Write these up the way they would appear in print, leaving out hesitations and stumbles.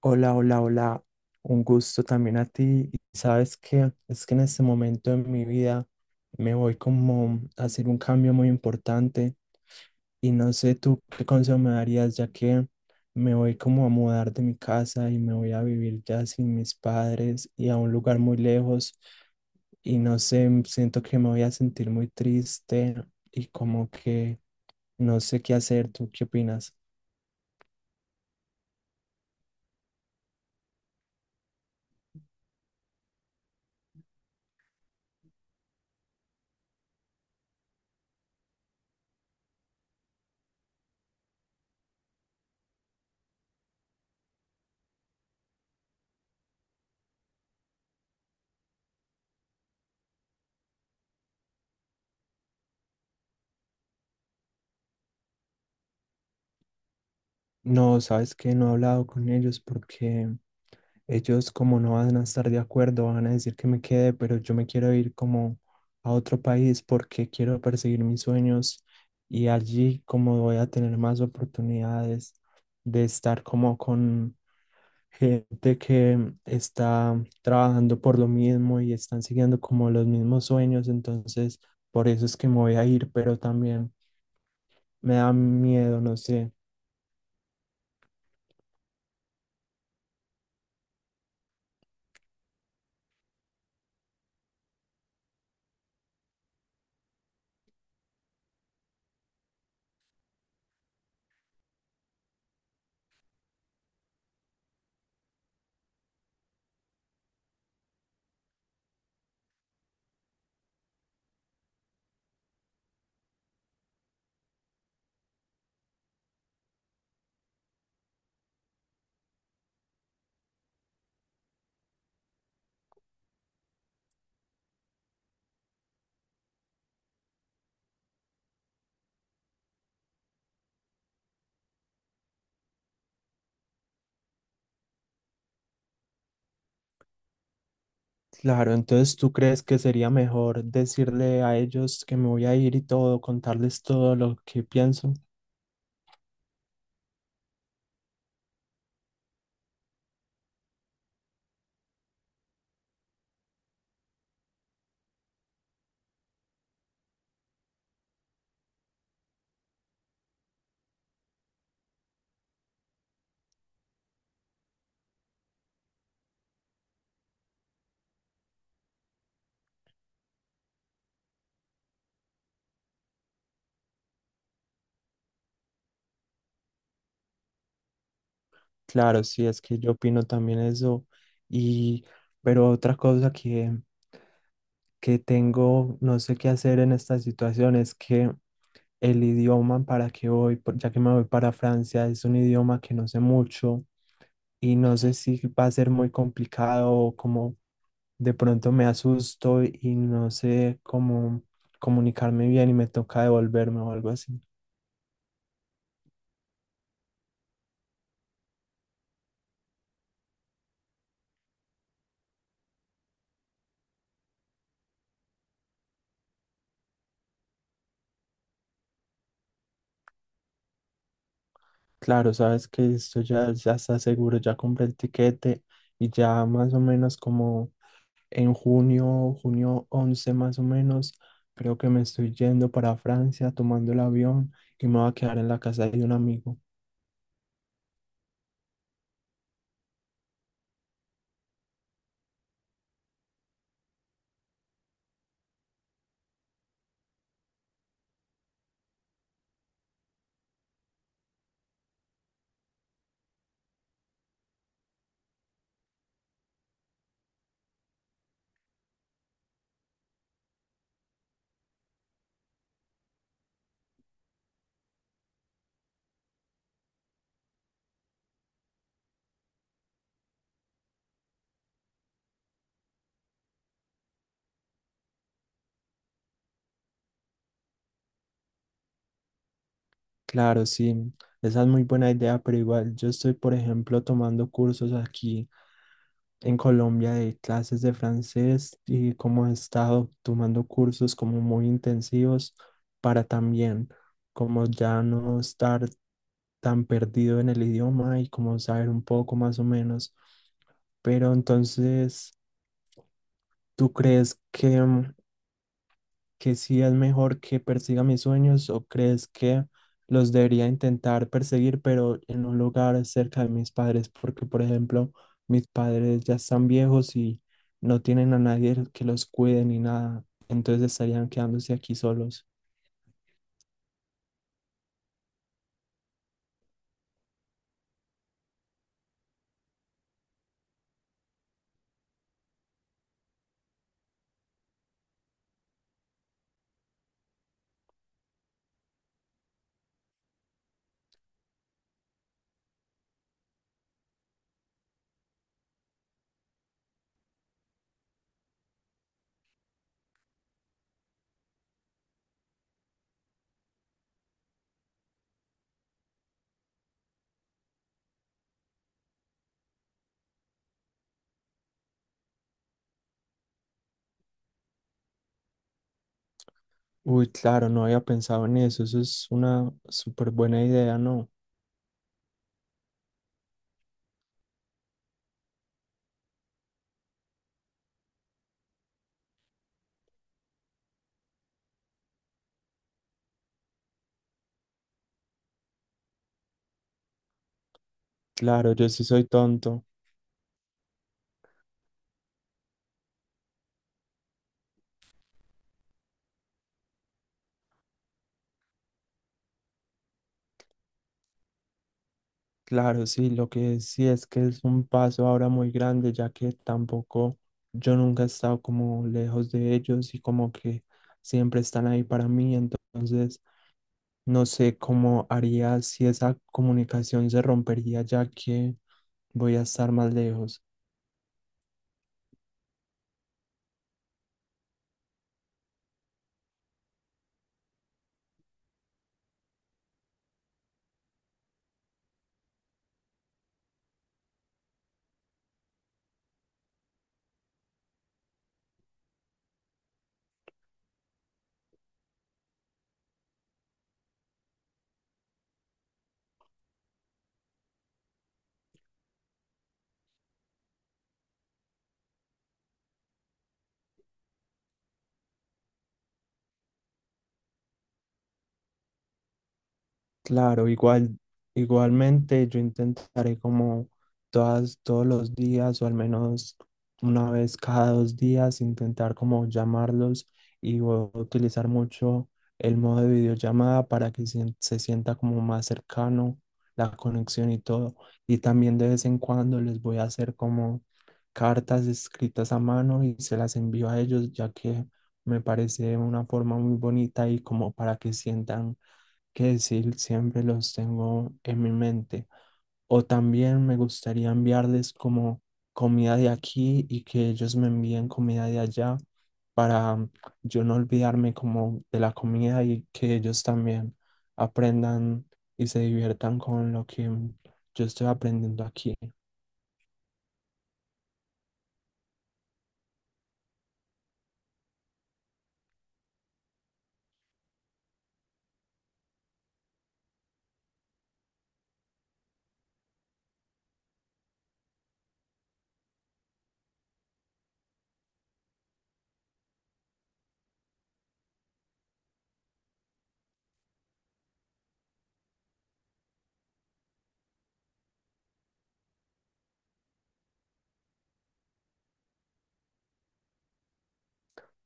Hola, hola, hola. Un gusto también a ti. Y sabes que es que en este momento de mi vida me voy como a hacer un cambio muy importante y no sé tú qué consejo me darías ya que me voy como a mudar de mi casa y me voy a vivir ya sin mis padres y a un lugar muy lejos y no sé, siento que me voy a sentir muy triste y como que no sé qué hacer. ¿Tú qué opinas? No, sabes que no he hablado con ellos porque ellos como no van a estar de acuerdo, van a decir que me quede, pero yo me quiero ir como a otro país porque quiero perseguir mis sueños y allí como voy a tener más oportunidades de estar como con gente que está trabajando por lo mismo y están siguiendo como los mismos sueños, entonces por eso es que me voy a ir, pero también me da miedo, no sé. Claro, entonces tú crees que sería mejor decirle a ellos que me voy a ir y todo, contarles todo lo que pienso. Claro, sí, es que yo opino también eso. Y, pero otra cosa que tengo, no sé qué hacer en esta situación es que el idioma para que voy, ya que me voy para Francia, es un idioma que no sé mucho y no sé si va a ser muy complicado o como de pronto me asusto y no sé cómo comunicarme bien y me toca devolverme o algo así. Claro, sabes que esto ya, ya está seguro, ya compré el tiquete y ya más o menos como en junio 11 más o menos, creo que me estoy yendo para Francia tomando el avión y me voy a quedar en la casa de un amigo. Claro, sí, esa es muy buena idea, pero igual yo estoy, por ejemplo, tomando cursos aquí en Colombia de clases de francés y cómo he estado tomando cursos como muy intensivos para también como ya no estar tan perdido en el idioma y como saber un poco más o menos. Pero entonces, ¿tú crees que sí es mejor que persiga mis sueños o crees que los debería intentar perseguir, pero en un lugar cerca de mis padres? Porque, por ejemplo, mis padres ya están viejos y no tienen a nadie que los cuide ni nada, entonces estarían quedándose aquí solos. Uy, claro, no había pensado en eso. Eso es una súper buena idea, ¿no? Claro, yo sí soy tonto. Claro, sí, lo que sí es que es un paso ahora muy grande, ya que tampoco yo nunca he estado como lejos de ellos y como que siempre están ahí para mí. Entonces, no sé cómo haría si esa comunicación se rompería, ya que voy a estar más lejos. Claro, igualmente yo intentaré como todos los días o al menos una vez cada 2 días intentar como llamarlos y voy a utilizar mucho el modo de videollamada para que se sienta como más cercano la conexión y todo. Y también de vez en cuando les voy a hacer como cartas escritas a mano y se las envío a ellos ya que me parece una forma muy bonita y como para que sientan que decir, siempre los tengo en mi mente. O también me gustaría enviarles como comida de aquí y que ellos me envíen comida de allá para mm, yo no olvidarme como de la comida y que ellos también aprendan y se diviertan con lo que. Yo estoy aprendiendo aquí.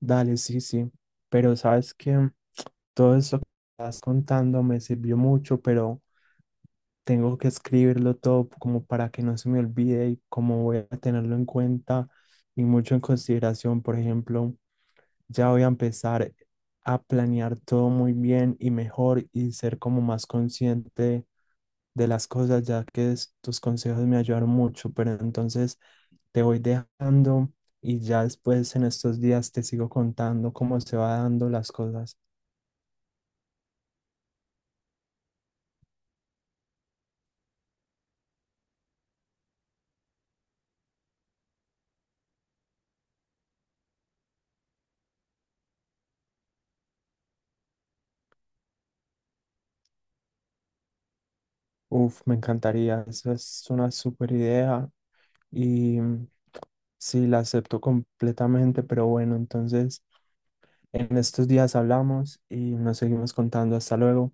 Dale, sí, sí. Pero sabes que, todo eso que estás contando me sirvió mucho, pero tengo que escribirlo todo como para que no se me olvide y como voy a tenerlo en cuenta y mucho en consideración. Por ejemplo, ya voy a empezar a planear todo muy bien y mejor y ser como más consciente de las cosas, ya que tus consejos me ayudaron mucho. Pero entonces te voy dejando y ya después en estos días te sigo contando cómo se va dando las cosas. Uf, me encantaría. Eso es una super idea. Y Sí, la acepto completamente, pero bueno, entonces en estos días hablamos y nos seguimos contando. Hasta luego.